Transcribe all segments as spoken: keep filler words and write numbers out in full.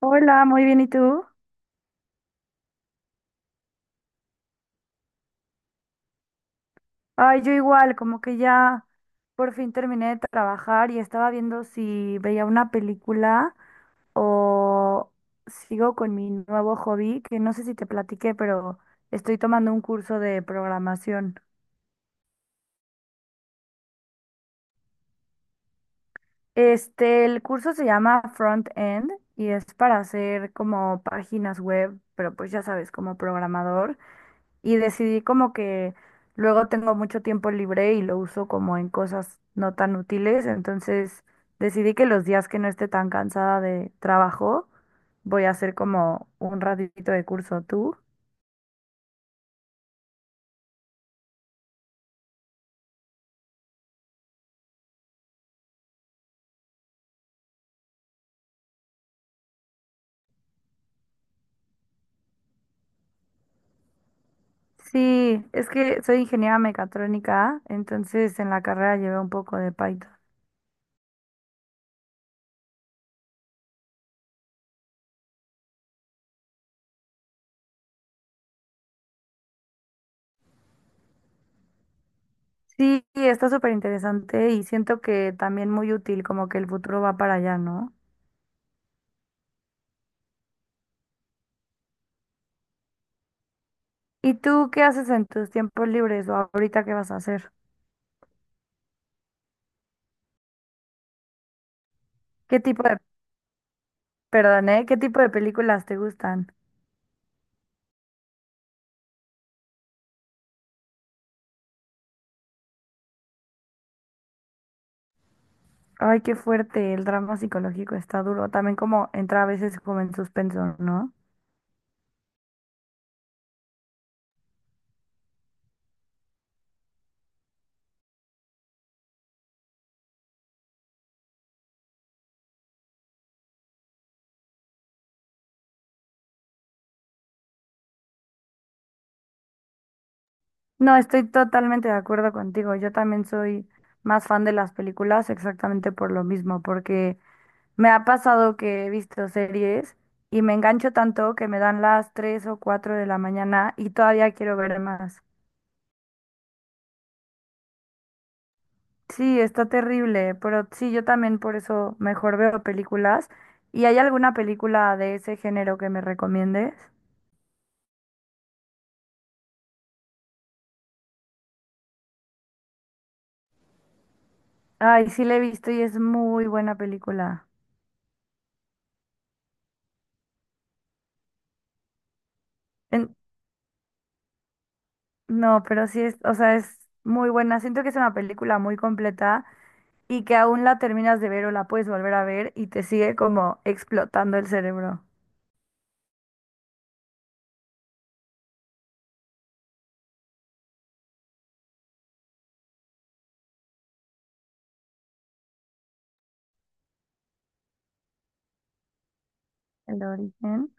Hola, muy bien, ¿y tú? Ay, yo igual, como que ya por fin terminé de trabajar y estaba viendo si veía una película o sigo con mi nuevo hobby, que no sé si te platiqué, pero estoy tomando un curso de programación. Este, el curso se llama Front End y es para hacer como páginas web, pero pues ya sabes, como programador. Y decidí como que luego tengo mucho tiempo libre y lo uso como en cosas no tan útiles. Entonces decidí que los días que no esté tan cansada de trabajo, voy a hacer como un ratito de curso. ¿Tú? Sí, es que soy ingeniera mecatrónica, entonces en la carrera llevé un poco de Python. Sí, está súper interesante y siento que también muy útil, como que el futuro va para allá, ¿no? ¿Y tú qué haces en tus tiempos libres o ahorita qué vas a hacer? ¿Qué tipo de Perdón, ¿eh? ¿Qué tipo de películas te gustan? Ay, qué fuerte, el drama psicológico está duro. También como entra a veces como en suspenso, ¿no? No, estoy totalmente de acuerdo contigo. Yo también soy más fan de las películas exactamente por lo mismo, porque me ha pasado que he visto series y me engancho tanto que me dan las tres o cuatro de la mañana y todavía quiero ver más. Sí, está terrible, pero sí, yo también por eso mejor veo películas. ¿Y hay alguna película de ese género que me recomiendes? Ay, sí la he visto y es muy buena película. En- No, pero sí es, o sea, es muy buena. Siento que es una película muy completa y que aún la terminas de ver o la puedes volver a ver y te sigue como explotando el cerebro. El origen.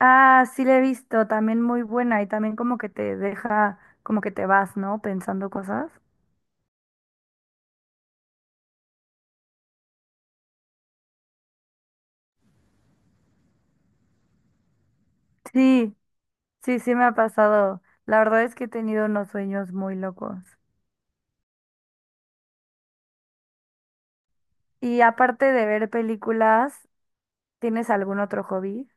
Ah, sí la he visto, también muy buena y también como que te deja, como que te vas, ¿no? Pensando cosas. Sí. Sí, sí me ha pasado. La verdad es que he tenido unos sueños muy locos. Y aparte de ver películas, ¿tienes algún otro hobby?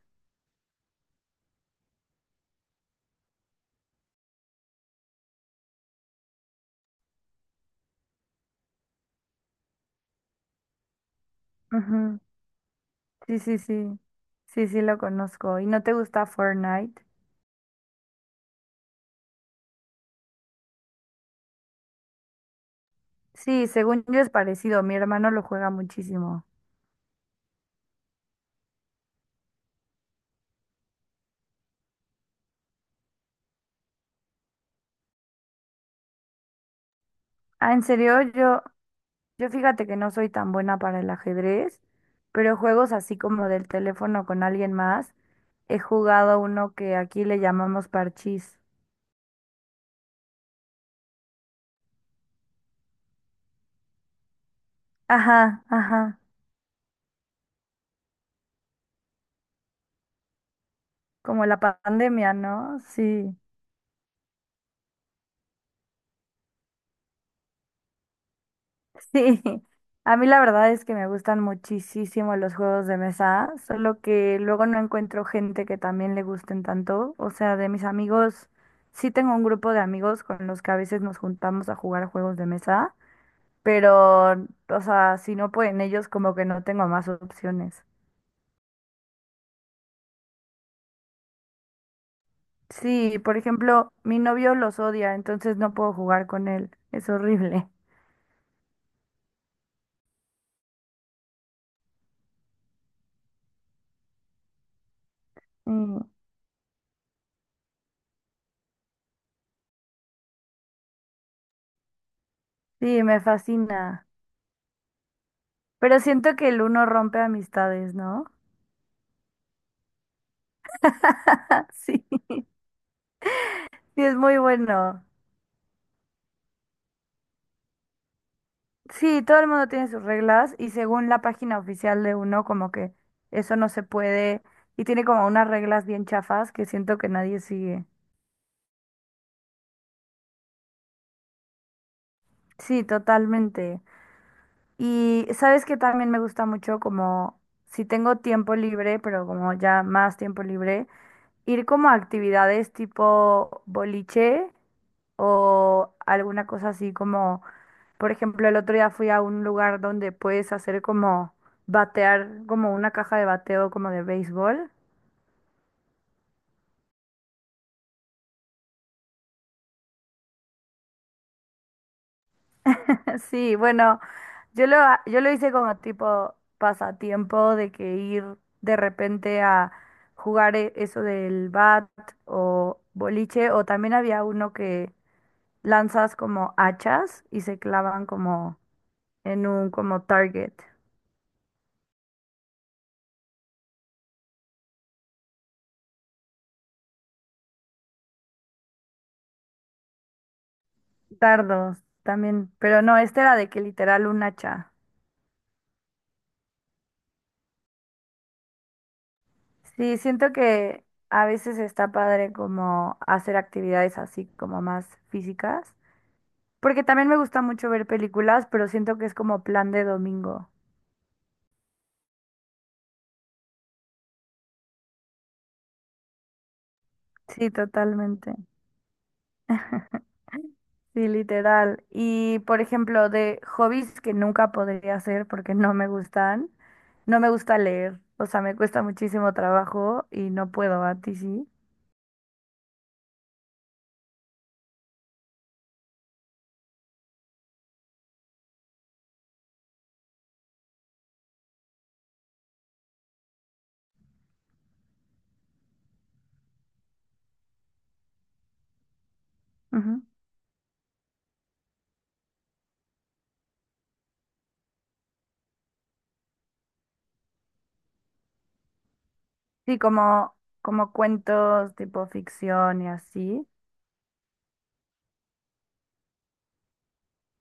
Ujú. Sí, sí, sí. Sí, sí lo conozco. ¿Y no te gusta Fortnite? Sí, según yo es parecido. Mi hermano lo juega muchísimo. Ah, en serio, yo, yo fíjate que no soy tan buena para el ajedrez, pero juegos así como del teléfono con alguien más, he jugado uno que aquí le llamamos parchís. Ajá, ajá. Como la pandemia, ¿no? Sí, sí. A mí la verdad es que me gustan muchísimo los juegos de mesa, solo que luego no encuentro gente que también le gusten tanto. O sea, de mis amigos, sí tengo un grupo de amigos con los que a veces nos juntamos a jugar juegos de mesa, pero, o sea, si no pueden ellos, como que no tengo más opciones. Sí, por ejemplo, mi novio los odia, entonces no puedo jugar con él. Es horrible. Mm, sí, me fascina. Pero siento que el uno rompe amistades, ¿no? Sí, sí, es muy bueno. Sí, todo el mundo tiene sus reglas y según la página oficial de uno, como que eso no se puede y tiene como unas reglas bien chafas que siento que nadie sigue. Sí, totalmente. Y sabes que también me gusta mucho como si tengo tiempo libre, pero como ya más tiempo libre, ir como a actividades tipo boliche o alguna cosa así como Por ejemplo, el otro día fui a un lugar donde puedes hacer como batear, como una caja de bateo como de béisbol. Sí, bueno, yo lo, ha- yo lo hice como tipo pasatiempo de que ir de repente a jugar e- eso del bat o boliche, o también había uno que lanzas como hachas y se clavan como en un como target. Dardos también, pero no, este era de que literal un hacha. Sí, siento que a veces está padre como hacer actividades así como más físicas, porque también me gusta mucho ver películas, pero siento que es como plan de domingo. Sí, totalmente. Sí, literal. Y por ejemplo, de hobbies que nunca podría hacer porque no me gustan, no me gusta leer, o sea, me cuesta muchísimo trabajo y no puedo, a ti sí. Ujú. Sí, como, como cuentos tipo ficción y así.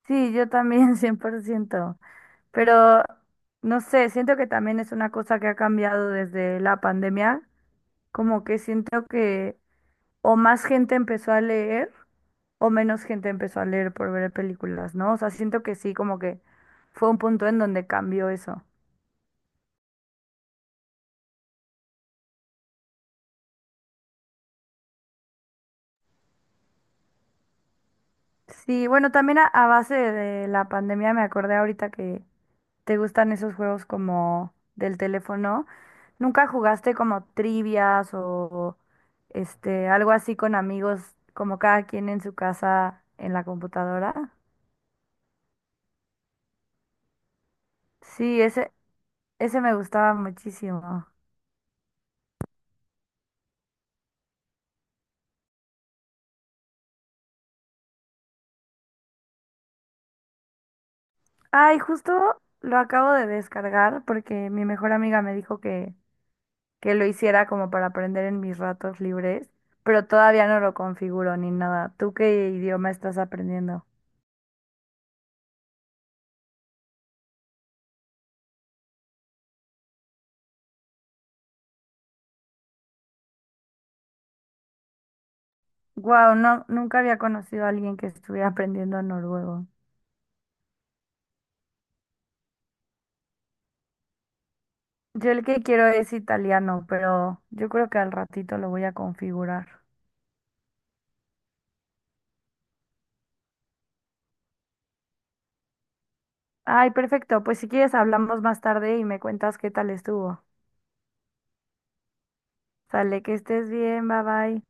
Sí, yo también, cien por ciento. Pero no sé, siento que también es una cosa que ha cambiado desde la pandemia. Como que siento que o más gente empezó a leer o menos gente empezó a leer por ver películas, ¿no? O sea, siento que sí, como que fue un punto en donde cambió eso. Sí, bueno, también a, a base de la pandemia me acordé ahorita que ¿Te gustan esos juegos como del teléfono? ¿Nunca jugaste como trivias o este algo así con amigos, como cada quien en su casa en la computadora? Sí, ese ese me gustaba muchísimo. Ay, justo lo acabo de descargar porque mi mejor amiga me dijo que que lo hiciera como para aprender en mis ratos libres, pero todavía no lo configuro ni nada. ¿Tú qué idioma estás aprendiendo? Wow, no, nunca había conocido a alguien que estuviera aprendiendo noruego. Yo el que quiero es italiano, pero yo creo que al ratito lo voy a configurar. Ay, perfecto. Pues si quieres hablamos más tarde y me cuentas qué tal estuvo. Sale, que estés bien, bye bye.